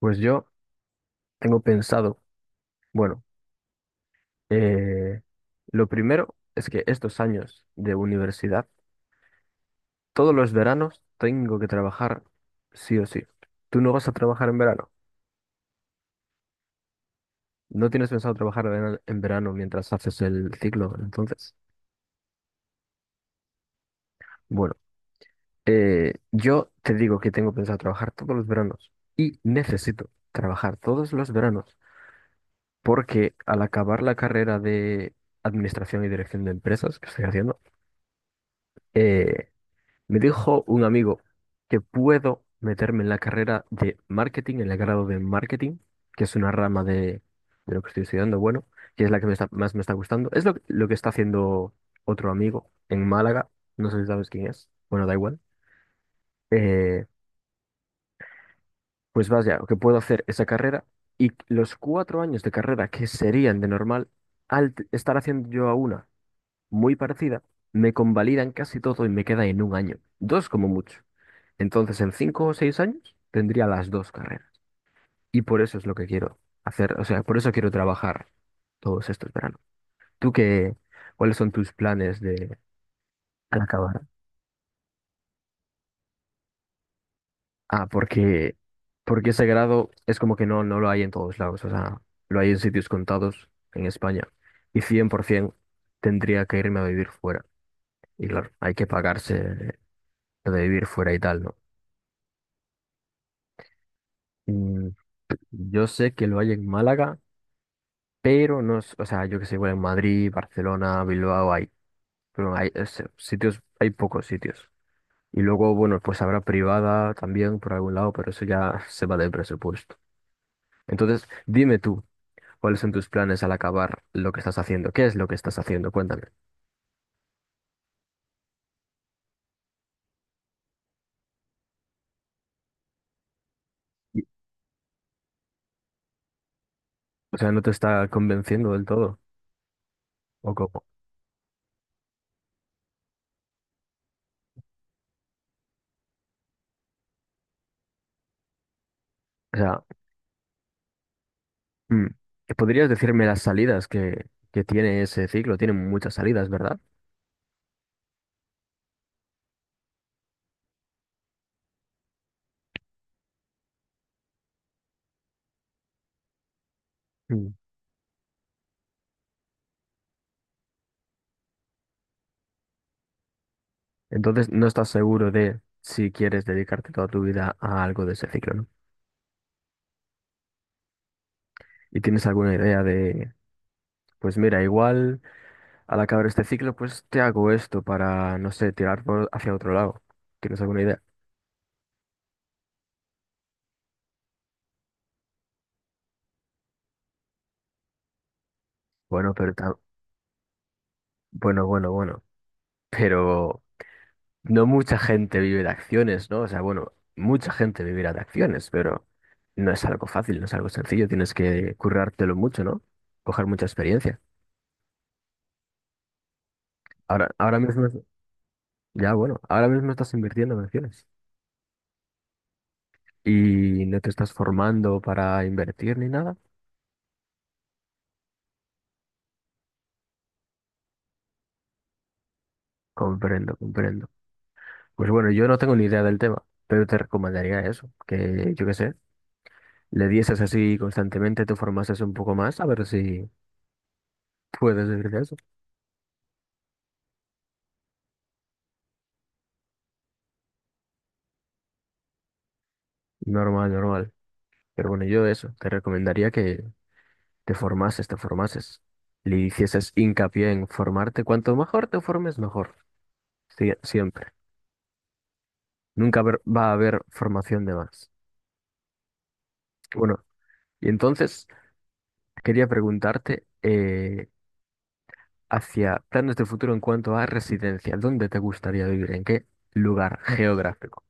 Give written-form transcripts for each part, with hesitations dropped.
Pues yo tengo pensado, bueno, eh, lo primero es que estos años de universidad, todos los veranos tengo que trabajar sí o sí. Tú no vas a trabajar en verano. No tienes pensado trabajar en verano mientras haces el ciclo, entonces. Bueno, yo te digo que tengo pensado trabajar todos los veranos y necesito trabajar todos los veranos porque al acabar la carrera de Administración y Dirección de Empresas que estoy haciendo, eh, me dijo un amigo que puedo meterme en la carrera de marketing, en el grado de marketing, que es una rama de lo que estoy estudiando, bueno, que es la que más me está gustando. Es lo que está haciendo otro amigo en Málaga, no sé si sabes quién es, bueno, da igual. Eh, pues vaya, que puedo hacer esa carrera y los 4 años de carrera que serían de normal, estar haciendo yo a una muy parecida, me convalidan casi todo y me queda en un año, dos como mucho. Entonces, en 5 o 6 años tendría las dos carreras. Y por eso es lo que quiero hacer, o sea, por eso quiero trabajar todos estos veranos. ¿Tú qué, cuáles son tus planes de al acabar? Ah, porque ese grado es como que no, no lo hay en todos lados, o sea, lo hay en sitios contados en España. Y 100% tendría que irme a vivir fuera. Y claro, hay que pagarse lo de vivir fuera y tal, ¿no? Mm, yo sé que lo hay en Málaga, pero no, o sea, yo que sé, igual en Madrid, Barcelona, Bilbao hay, pero hay sitios, hay pocos sitios. Y luego, bueno, pues habrá privada también por algún lado, pero eso ya se va del presupuesto. Entonces, dime tú, ¿cuáles son tus planes al acabar lo que estás haciendo? ¿Qué es lo que estás haciendo? Cuéntame. Y- O sea, ¿no te está convenciendo del todo? ¿O cómo? O sea, mm, ¿podrías decirme las salidas que tiene ese ciclo? Tiene muchas salidas, ¿verdad? Entonces no estás seguro de si quieres dedicarte toda tu vida a algo de ese ciclo, ¿no? Y tienes alguna idea de, pues mira, igual al acabar este ciclo, pues te hago esto para, no sé, tirar por hacia otro lado. ¿Tienes alguna idea? Bueno, pero bueno, bueno, bueno. Pero no mucha gente vive de acciones, ¿no? O sea, bueno, mucha gente vivirá de acciones, pero no es algo fácil, no es algo sencillo. Tienes que currártelo mucho, ¿no? Coger mucha experiencia. Ahora, ahora mismo, ya bueno, ahora mismo estás invirtiendo en acciones. Y no te estás formando para invertir ni nada. Comprendo, comprendo. Pues bueno, yo no tengo ni idea del tema, pero te recomendaría eso, que yo qué sé, le dieses así constantemente, te formases un poco más, a ver si puedes vivir de eso. Normal, normal. Pero bueno, yo eso, te recomendaría que te formases, te formases. Le hicieses hincapié en formarte. Cuanto mejor te formes, mejor. Siempre. Nunca va a haber formación de más. Bueno, y entonces quería preguntarte, hacia planes de futuro en cuanto a residencia. ¿Dónde te gustaría vivir? ¿En qué lugar geográfico?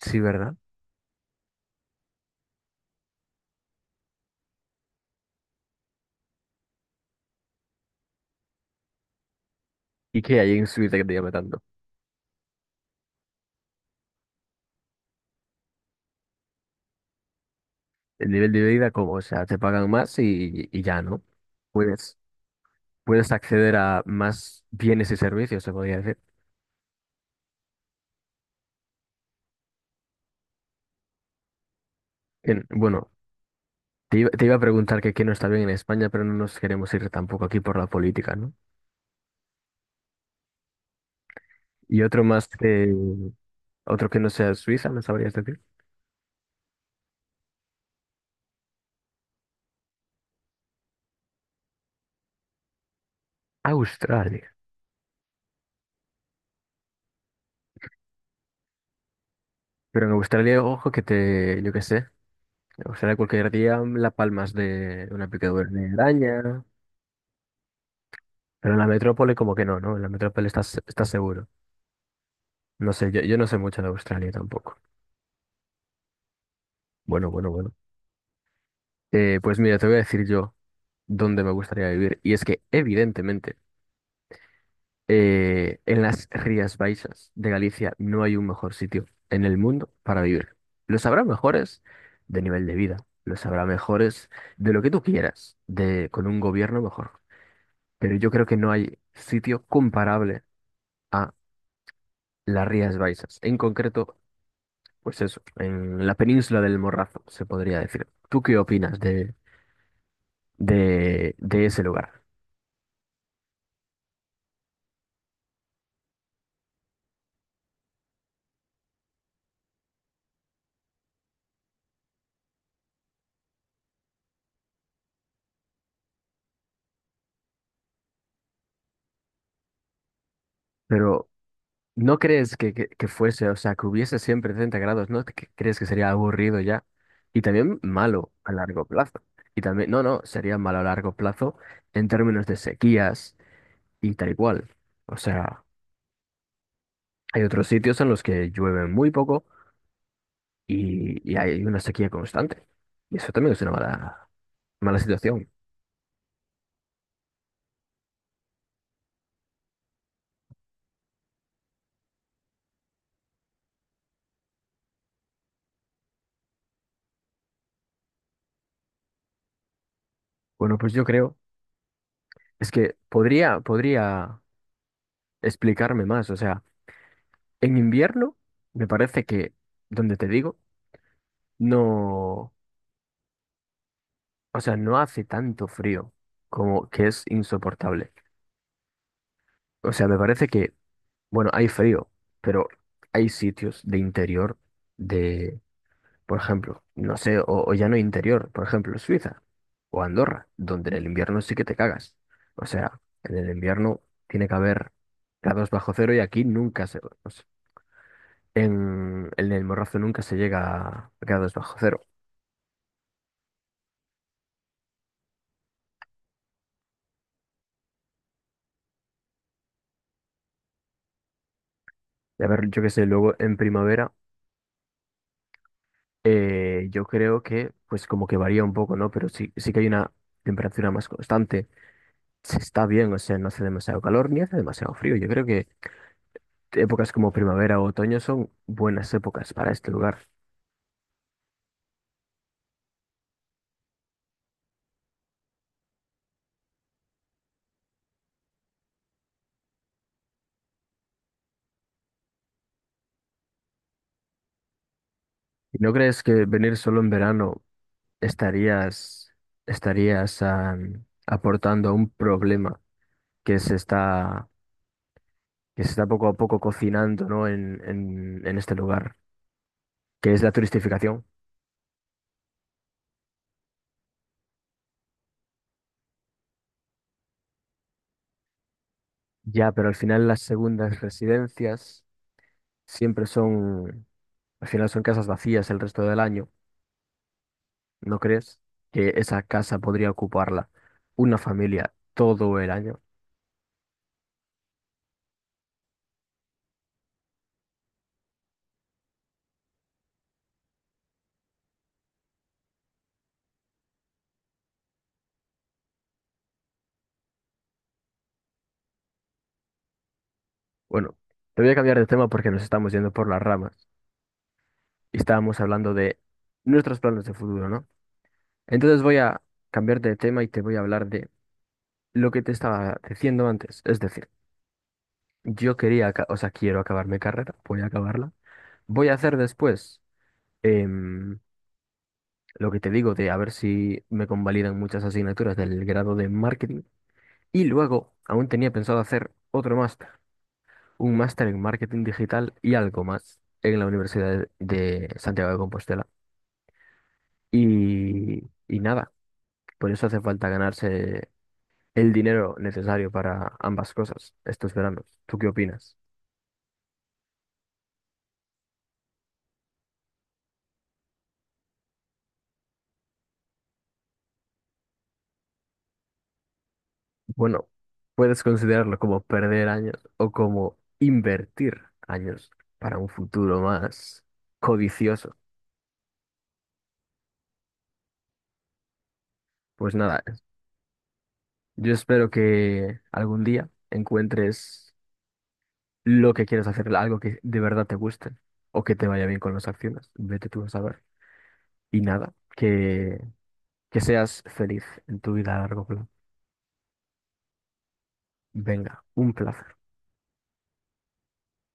Sí, ¿verdad? ¿Y qué hay en Suiza que te llame tanto? El nivel de vida, ¿cómo? O sea, te pagan más y ya, ¿no? Puedes, puedes acceder a más bienes y servicios, se podría decir. Bien, bueno, te iba a preguntar que qué no está bien en España, pero no nos queremos ir tampoco aquí por la política, ¿no? Y otro que no sea Suiza, ¿me sabrías decir? Australia. Pero en Australia, ojo que te, yo qué sé. O sea, cualquier día las palmas de una picadura de araña. Pero en la metrópole como que no, ¿no? En la metrópole estás seguro. No sé, yo no sé mucho de Australia tampoco. Bueno, bueno, bueno. Pues mira, te voy a decir yo dónde me gustaría vivir. Y es que, evidentemente, en las Rías Baixas de Galicia no hay un mejor sitio en el mundo para vivir. Los habrá mejores de nivel de vida. Los habrá mejores de lo que tú quieras, de, con un gobierno mejor. Pero yo creo que no hay sitio comparable a las Rías Baixas. En concreto, pues eso, en la península del Morrazo, se podría decir. ¿Tú qué opinas de ese lugar? Pero, ¿no crees que fuese, o sea, que hubiese siempre 30 grados, ¿no? ¿Que crees que sería aburrido ya? Y también malo a largo plazo. Y también, no, no, sería malo a largo plazo en términos de sequías y tal y cual. O sea, hay otros sitios en los que llueve muy poco y hay una sequía constante. Y eso también es una mala, mala situación. Bueno, pues yo creo, es que podría explicarme más. O sea, en invierno me parece que, donde te digo, no, o sea, no hace tanto frío como que es insoportable. O sea, me parece que, bueno, hay frío, pero hay sitios de interior. Por ejemplo, no sé, o ya no interior, por ejemplo, Suiza o Andorra, donde en el invierno sí que te cagas. O sea, en el invierno tiene que haber grados bajo cero y aquí nunca se... o sea, en el Morrazo nunca se llega a grados bajo cero. Y a ver, yo qué sé, luego en primavera yo creo que pues como que varía un poco, ¿no? Pero sí, sí que hay una temperatura más constante. Se está bien, o sea, no hace demasiado calor ni hace demasiado frío. Yo creo épocas como primavera o otoño son buenas épocas para este lugar. ¿Y no crees que venir solo en verano estarías, estarías aportando a un problema que se está, que se está poco a poco cocinando, ¿no? en este lugar, que es la turistificación? Ya, pero al final las segundas residencias siempre son, al final son casas vacías el resto del año. ¿No crees que esa casa podría ocuparla una familia todo el año? Bueno, te voy a cambiar de tema porque nos estamos yendo por las ramas y estábamos hablando de nuestros planes de futuro, ¿no? Entonces voy a cambiar de tema y te voy a hablar de lo que te estaba diciendo antes. Es decir, yo quería, o sea, quiero acabar mi carrera, voy a acabarla. Voy a hacer después em, lo que te digo de a ver si me convalidan muchas asignaturas del grado de marketing. Y luego, aún tenía pensado hacer otro máster, un máster en marketing digital y algo más en la Universidad de Santiago de Compostela. Y, y nada, por eso hace falta ganarse el dinero necesario para ambas cosas estos veranos. ¿Tú qué opinas? Bueno, puedes considerarlo como perder años o como invertir años para un futuro más codicioso. Pues nada, yo espero que algún día encuentres lo que quieres hacer, algo que de verdad te guste o que te vaya bien con las acciones. Vete tú a saber. Y nada, que seas feliz en tu vida a largo plazo. Venga, un placer.